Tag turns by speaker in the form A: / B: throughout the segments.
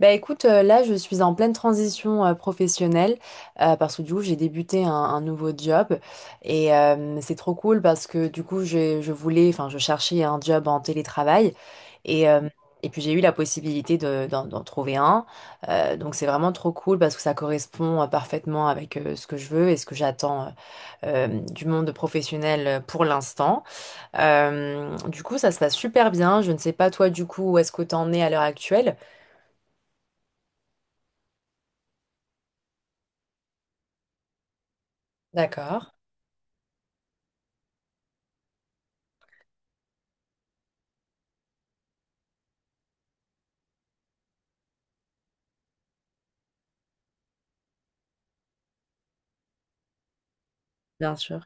A: Bah écoute, là je suis en pleine transition professionnelle parce que du coup j'ai débuté un nouveau job et c'est trop cool parce que du coup je voulais, enfin je cherchais un job en télétravail et, euh, et puis j'ai eu la possibilité d'en trouver un. Donc c'est vraiment trop cool parce que ça correspond parfaitement avec ce que je veux et ce que j'attends du monde professionnel pour l'instant. Du coup ça se passe super bien. Je ne sais pas toi du coup où est-ce que t'en es à l'heure actuelle. D'accord. Bien sûr.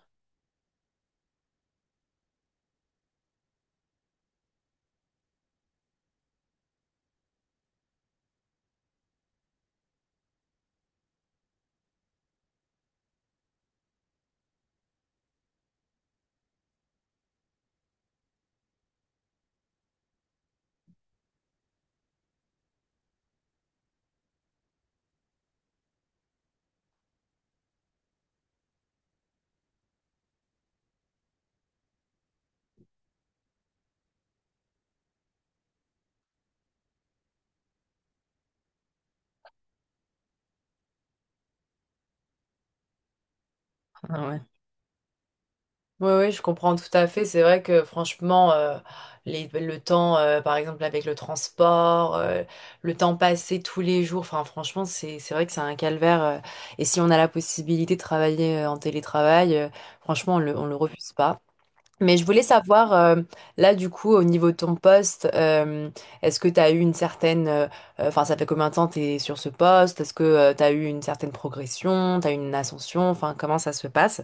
A: Ah ouais. Oui, oui, je comprends tout à fait. C'est vrai que franchement, le temps, par exemple, avec le transport, le temps passé tous les jours, enfin, franchement, c'est vrai que c'est un calvaire. Et si on a la possibilité de travailler en télétravail, franchement, on le refuse pas. Mais je voulais savoir, là, du coup, au niveau de ton poste, est-ce que tu as eu une certaine. Enfin, ça fait combien de temps tu es sur ce poste? Est-ce que tu as eu une certaine progression? Tu as eu une ascension? Enfin, comment ça se passe?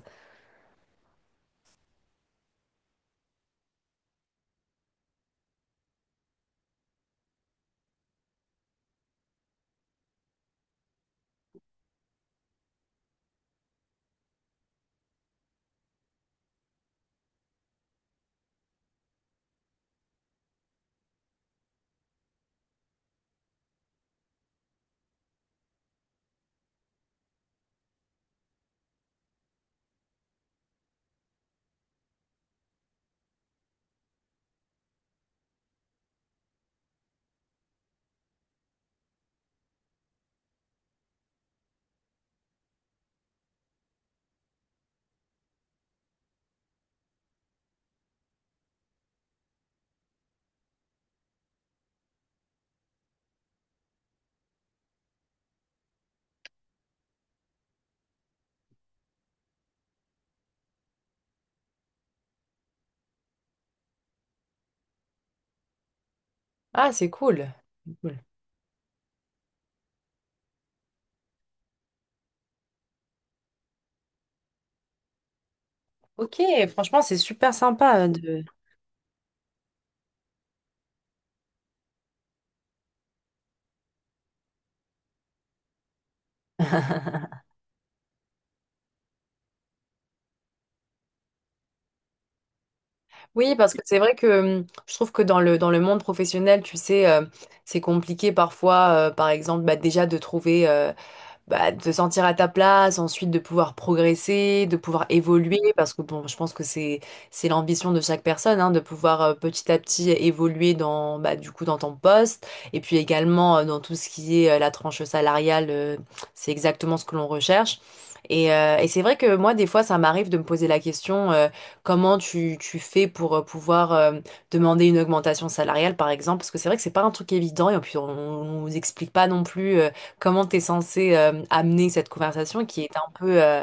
A: Ah, c'est cool. C'est cool. Ok, franchement, c'est super sympa de... Oui, parce que c'est vrai que je trouve que dans le monde professionnel, tu sais, c'est compliqué parfois, par exemple, bah, déjà de trouver bah, de te sentir à ta place, ensuite de pouvoir progresser, de pouvoir évoluer, parce que bon, je pense que c'est l'ambition de chaque personne, hein, de pouvoir petit à petit évoluer dans bah, du coup dans ton poste, et puis également dans tout ce qui est la tranche salariale, c'est exactement ce que l'on recherche. Et c'est vrai que moi, des fois, ça m'arrive de me poser la question, comment tu fais pour pouvoir demander une augmentation salariale, par exemple, parce que c'est vrai que c'est pas un truc évident et puis on nous explique pas non plus. Comment t'es censé amener cette conversation qui est un peu... euh,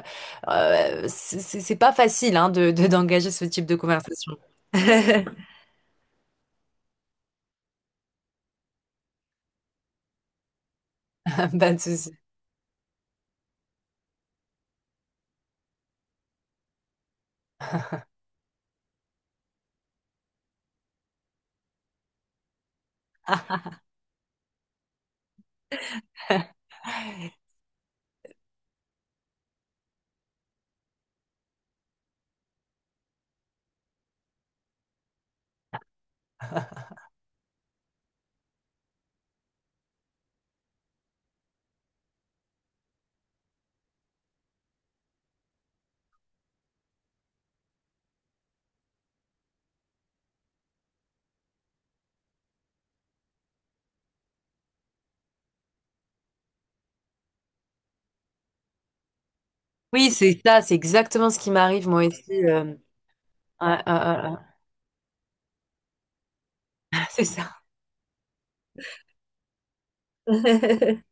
A: euh, c'est c'est- c'est pas facile hein, d'engager ce type de conversation. Pas de souci. Oui, c'est ça, c'est exactement ce qui m'arrive moi aussi. Ah, ah, ah, ah. C'est ça.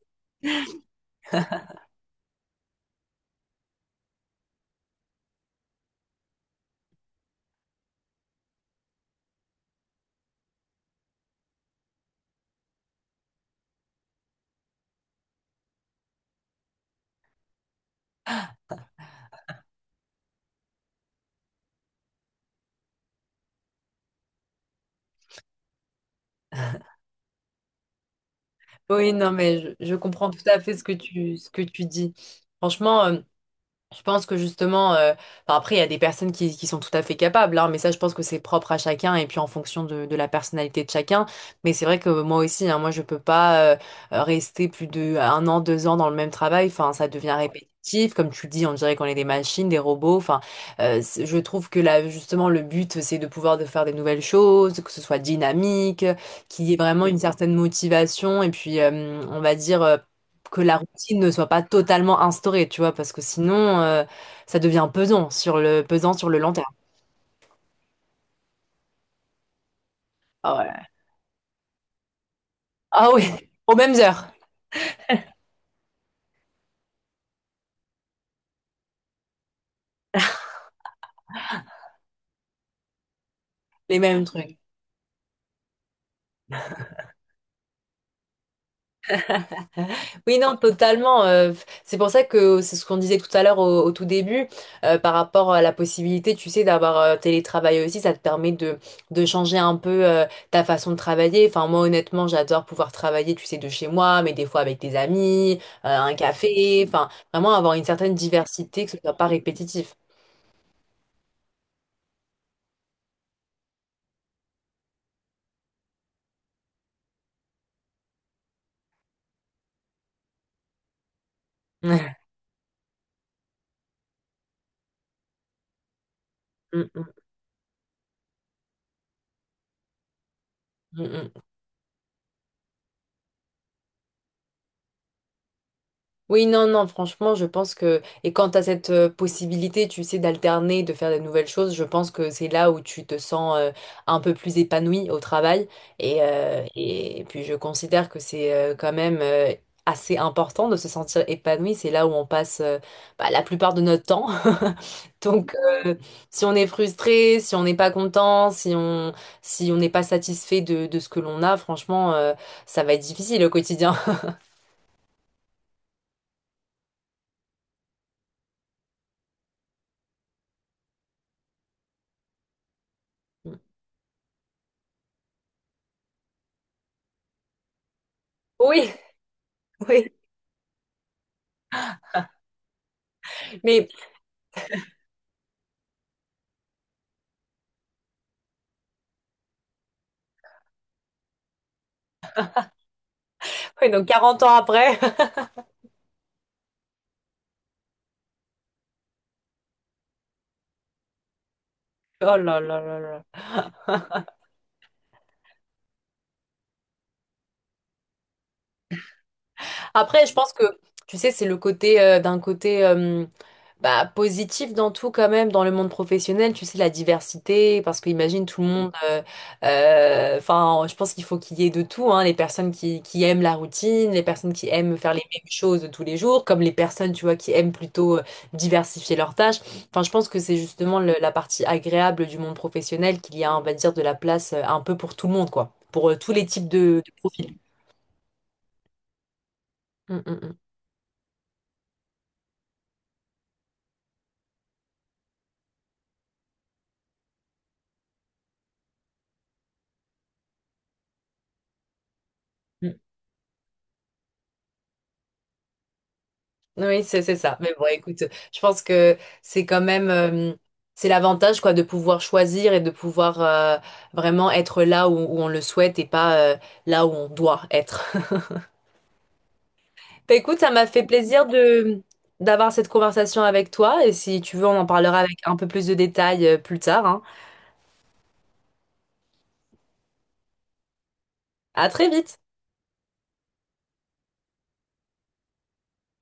A: Oui, non, mais je comprends tout à fait ce que ce que tu dis. Franchement, je pense que justement, enfin, après, il y a des personnes qui sont tout à fait capables, hein, mais ça, je pense que c'est propre à chacun et puis en fonction de la personnalité de chacun. Mais c'est vrai que moi aussi, hein, moi, je peux pas rester plus de un an, deux ans dans le même travail. Enfin, ça devient répétitif. Comme tu dis, on dirait qu'on est des machines, des robots. Enfin, je trouve que là, justement, le but, c'est de pouvoir de faire des nouvelles choses, que ce soit dynamique, qu'il y ait vraiment une certaine motivation et puis, on va dire. Que la routine ne soit pas totalement instaurée, tu vois, parce que sinon, ça devient pesant sur le long terme. Ah ouais. Ah oui. Aux mêmes heures, les mêmes trucs. Oui, non, totalement. C'est pour ça que c'est ce qu'on disait tout à l'heure au tout début, par rapport à la possibilité, tu sais, d'avoir télétravail aussi, ça te permet de changer un peu ta façon de travailler. Enfin, moi, honnêtement, j'adore pouvoir travailler, tu sais, de chez moi, mais des fois avec des amis, un café, enfin, vraiment avoir une certaine diversité, que ce soit pas répétitif. Ouais. Mm, mm, mm, mm. Oui, non, non, franchement, je pense que... Et quand tu as cette possibilité, tu sais, d'alterner, de faire des nouvelles choses, je pense que c'est là où tu te sens un peu plus épanoui au travail. Et puis, je considère que c'est quand même assez important de se sentir épanoui. C'est là où on passe bah, la plupart de notre temps. Donc, euh, si on est frustré, si on n'est pas content, si on n'est pas satisfait de ce que l'on a, franchement, ça va être difficile au quotidien. Oui, oui, mais oui, donc 40 ans après, oh là là là là. Après, je pense que, tu sais, c'est le côté d'un côté bah, positif dans tout quand même, dans le monde professionnel, tu sais, la diversité, parce que imagine tout le monde, enfin, je pense qu'il faut qu'il y ait de tout, hein, les personnes qui aiment la routine, les personnes qui aiment faire les mêmes choses tous les jours, comme les personnes, tu vois, qui aiment plutôt diversifier leurs tâches. Enfin, je pense que c'est justement la partie agréable du monde professionnel qu'il y a, on va dire, de la place un peu pour tout le monde, quoi, pour tous les types de profils. Mm, mm, mm. Oui, c'est ça. Mais bon, écoute, je pense que c'est quand même c'est l'avantage quoi de pouvoir choisir et de pouvoir vraiment être là où, où on le souhaite et pas là où on doit être. Bah, écoute, ça m'a fait plaisir de d'avoir cette conversation avec toi et si tu veux, on en parlera avec un peu plus de détails plus tard, hein. À très vite.